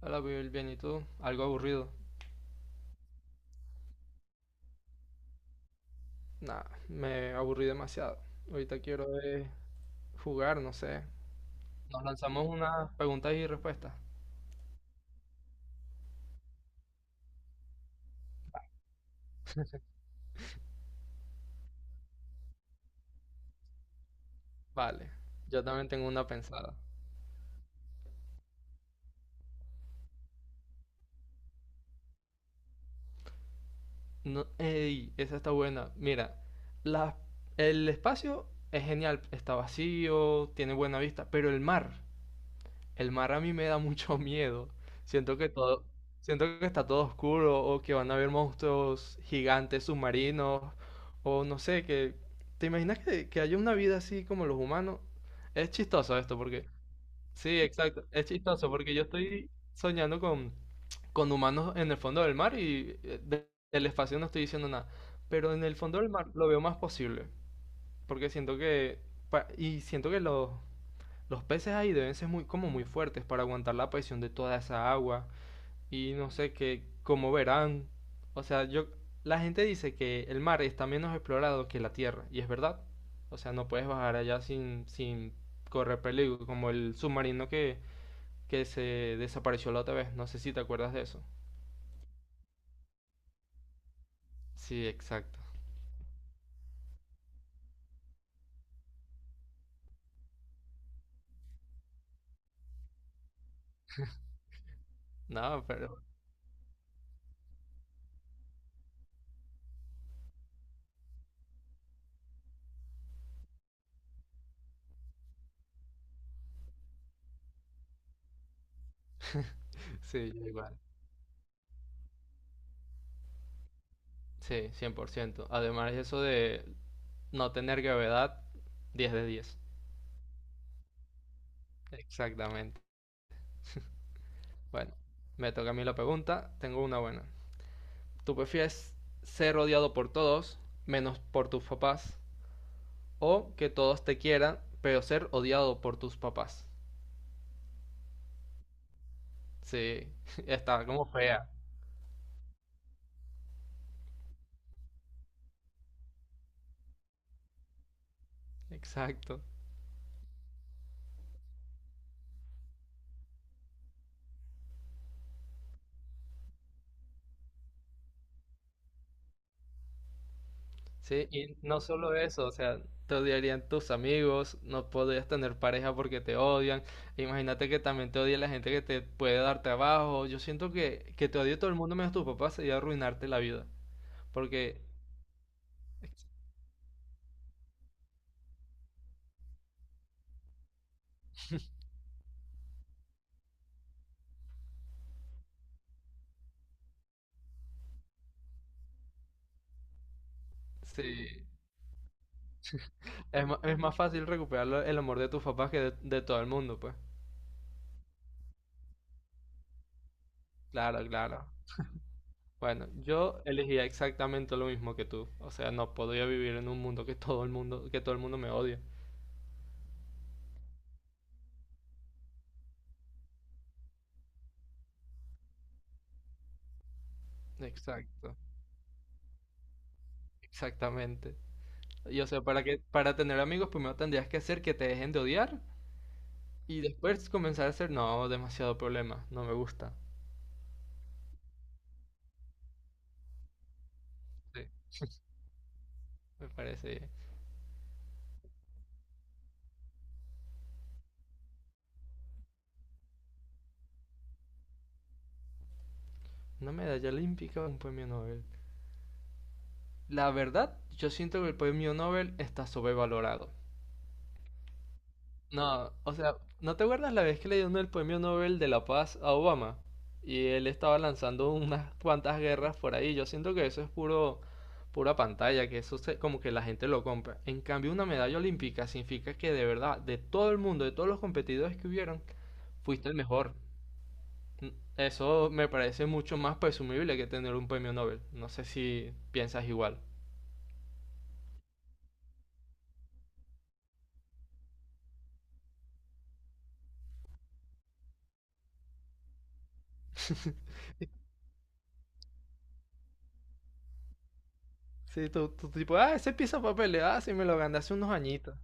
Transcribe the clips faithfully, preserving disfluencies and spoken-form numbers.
Hola, Will, bien, ¿y tú? Algo aburrido. Nah, me aburrí demasiado. Ahorita quiero eh, jugar, no sé. Nos lanzamos unas preguntas y respuestas. Vale, yo también tengo una pensada. No, ey, esa está buena. Mira, la- el espacio es genial, está vacío, tiene buena vista, pero el mar, el mar a mí me da mucho miedo. Siento que todo, siento que está todo oscuro o que van a haber monstruos gigantes submarinos o no sé, que ¿te imaginas que, que haya una vida así como los humanos? Es chistoso esto porque sí, exacto, es chistoso porque yo estoy soñando con con humanos en el fondo del mar y eh, de- del espacio no estoy diciendo nada, pero en el fondo del mar lo veo más posible porque siento que pa- y siento que los los peces ahí deben ser muy, como muy fuertes para aguantar la presión de toda esa agua. Y no sé qué, cómo verán. O sea, yo, la gente dice que el mar está menos explorado que la tierra. Y es verdad. O sea, no puedes bajar allá sin, sin correr peligro. Como el submarino que, que se desapareció la otra vez. No sé si te acuerdas de eso. Sí, exacto. No, pero sí, yo igual. Sí, cien por ciento. Además, eso de no tener gravedad, diez de diez. Exactamente. Bueno, me toca a mí la pregunta. Tengo una buena. ¿Tú prefieres ser odiado por todos, menos por tus papás? ¿O que todos te quieran, pero ser odiado por tus papás? Sí, está como fea. Exacto. Sí, y no solo eso, o sea, te odiarían tus amigos, no podrías tener pareja porque te odian. Imagínate que también te odia la gente que te puede dar trabajo. Yo siento que que te odie todo el mundo menos tus papás sería arruinarte la vida. Porque, sí, es, ma- es más fácil recuperar lo- el amor de tus papás que de, de todo el mundo, pues. Claro, claro. Bueno, yo elegía exactamente lo mismo que tú. O sea, no podría vivir en un mundo que todo el mundo, que todo el mundo me odia. Exacto, exactamente. Y o sea, para que, para tener amigos, primero tendrías que hacer que te dejen de odiar y después comenzar a hacer, no, demasiado problema, no me gusta. Sí, me parece bien. Una medalla olímpica, un premio Nobel. La verdad, yo siento que el premio Nobel está sobrevalorado. No, o sea, ¿no te acuerdas la vez que le dieron el premio Nobel de la Paz a Obama? Y él estaba lanzando unas cuantas guerras por ahí. Yo siento que eso es puro, pura pantalla, que eso se- como que la gente lo compra. En cambio, una medalla olímpica significa que de verdad, de todo el mundo, de todos los competidores que hubieron, fuiste el mejor. N- Eso me parece mucho más presumible que tener un premio Nobel. No sé si piensas igual. Sí, tú, tú tipo, ah, ese pieza de papel, ah, sí me lo gané hace unos añitos.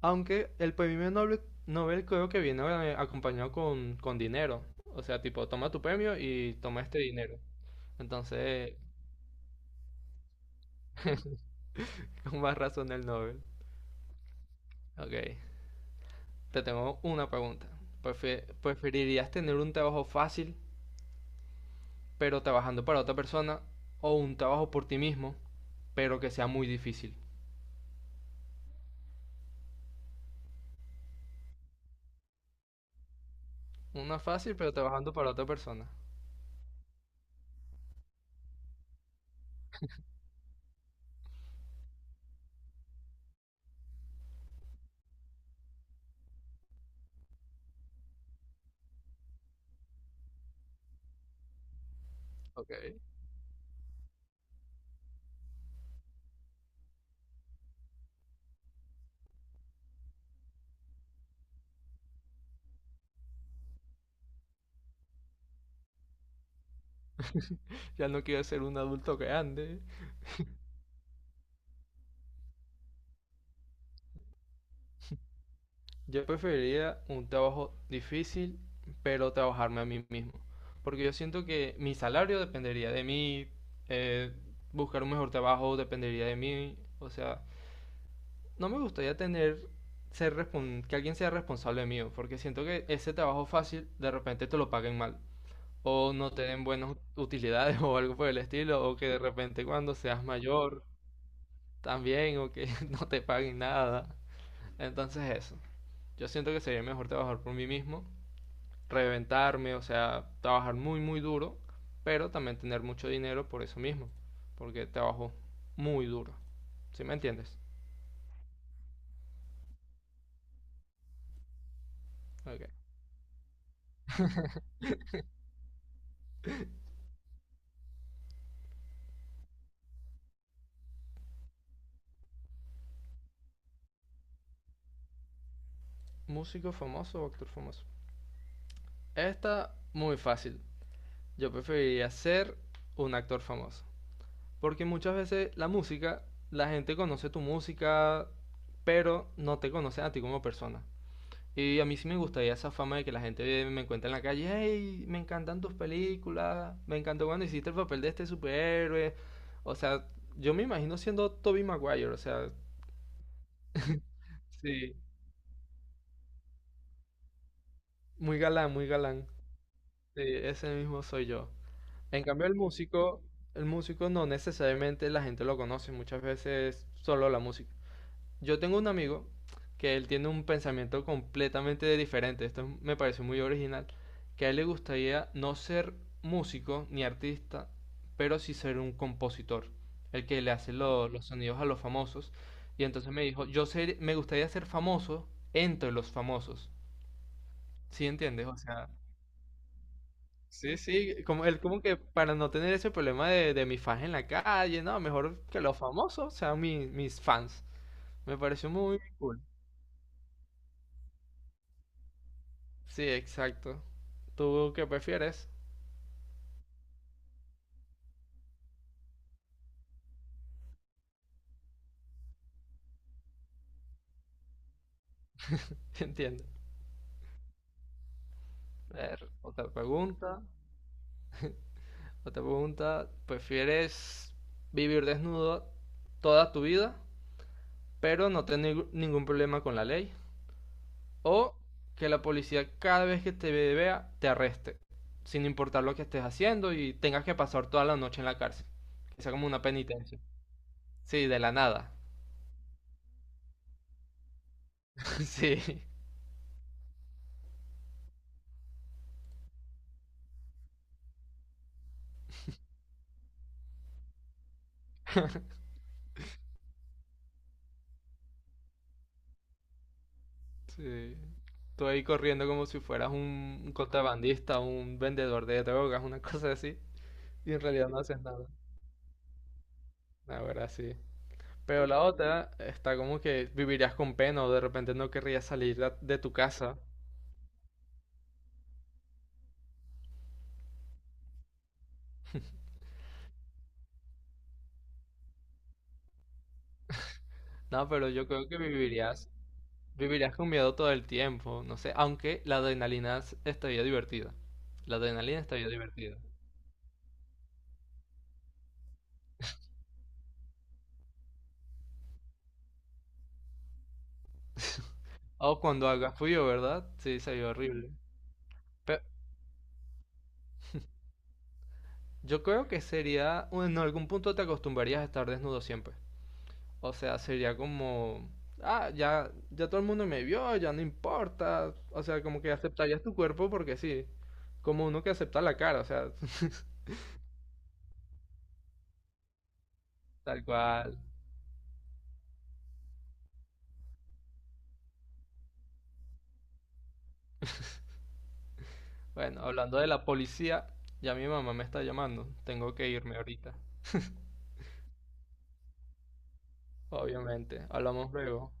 Aunque el premio Nobel, Nobel creo que viene bueno, eh, acompañado con, con dinero. O sea, tipo, toma tu premio y toma este dinero. Entonces, con más razón el Nobel. Ok, te tengo una pregunta. Prefe- ¿Preferirías tener un trabajo fácil, pero trabajando para otra persona, o un trabajo por ti mismo, pero que sea muy difícil? Una fácil, pero trabajando para otra persona. Ok, ya no quiero ser un adulto grande. Yo preferiría un trabajo difícil, pero trabajarme a mí mismo. Porque yo siento que mi salario dependería de mí, eh, buscar un mejor trabajo dependería de mí. O sea, no me gustaría tener, ser respon- que alguien sea responsable mío, porque siento que ese trabajo fácil de repente te lo paguen mal. O no te den buenas utilidades o algo por el estilo, o que de repente cuando seas mayor también, o que no te paguen nada. Entonces eso, yo siento que sería mejor trabajar por mí mismo reventarme, o sea, trabajar muy, muy duro, pero también tener mucho dinero por eso mismo, porque trabajo muy duro. ¿Sí me entiendes? Okay. ¿Músico famoso o actor famoso? Esta, muy fácil. Yo preferiría ser un actor famoso, porque muchas veces la música, la gente conoce tu música, pero no te conocen a ti como persona. Y a mí sí me gustaría esa fama de que la gente me encuentra en la calle, hey, me encantan tus películas, me encantó cuando hiciste el papel de este superhéroe. O sea, yo me imagino siendo Tobey Maguire, o sea, sí, muy galán, muy galán. Sí, ese mismo soy yo. En cambio, el músico, el músico no necesariamente la gente lo conoce, muchas veces solo la música. Yo tengo un amigo que él tiene un pensamiento completamente diferente, esto me pareció muy original, que a él le gustaría no ser músico ni artista, pero sí ser un compositor, el que le hace lo- los sonidos a los famosos. Y entonces me dijo, yo ser- me gustaría ser famoso entre los famosos. ¿Sí entiendes? O sea, sí, sí, como él como que para no tener ese problema de, de mi fans en la calle, no, mejor que los famosos sean mi- mis fans. Me pareció muy cool. Sí, exacto. ¿Tú qué prefieres? Entiendo. A ver, otra pregunta. Otra pregunta. ¿Prefieres vivir desnudo toda tu vida, pero no tener ningún problema con la ley? ¿O que la policía cada vez que te vea te arreste, sin importar lo que estés haciendo y tengas que pasar toda la noche en la cárcel? Que sea como una penitencia. Sí, de la nada. Sí. Sí. Tú ahí corriendo como si fueras un un contrabandista, un vendedor de drogas, una cosa así. Y en realidad no haces nada. Ahora sí. Pero la otra está como que vivirías con pena o de repente no querrías salir de de tu casa. No, pero yo creo que vivirías, vivirías con miedo todo el tiempo. No sé, aunque la adrenalina s- estaría divertida. La adrenalina estaría divertida. O cuando haga frío, ¿verdad? Sí, sería horrible. Yo creo que sería, bueno, en algún punto te acostumbrarías a estar desnudo siempre. O sea, sería como, ah, ya, ya todo el mundo me vio, ya no importa. O sea, como que aceptarías tu cuerpo porque sí, como uno que acepta la cara, o sea, tal cual. Bueno, hablando de la policía, ya mi mamá me está llamando, tengo que irme ahorita. Obviamente, hablamos luego.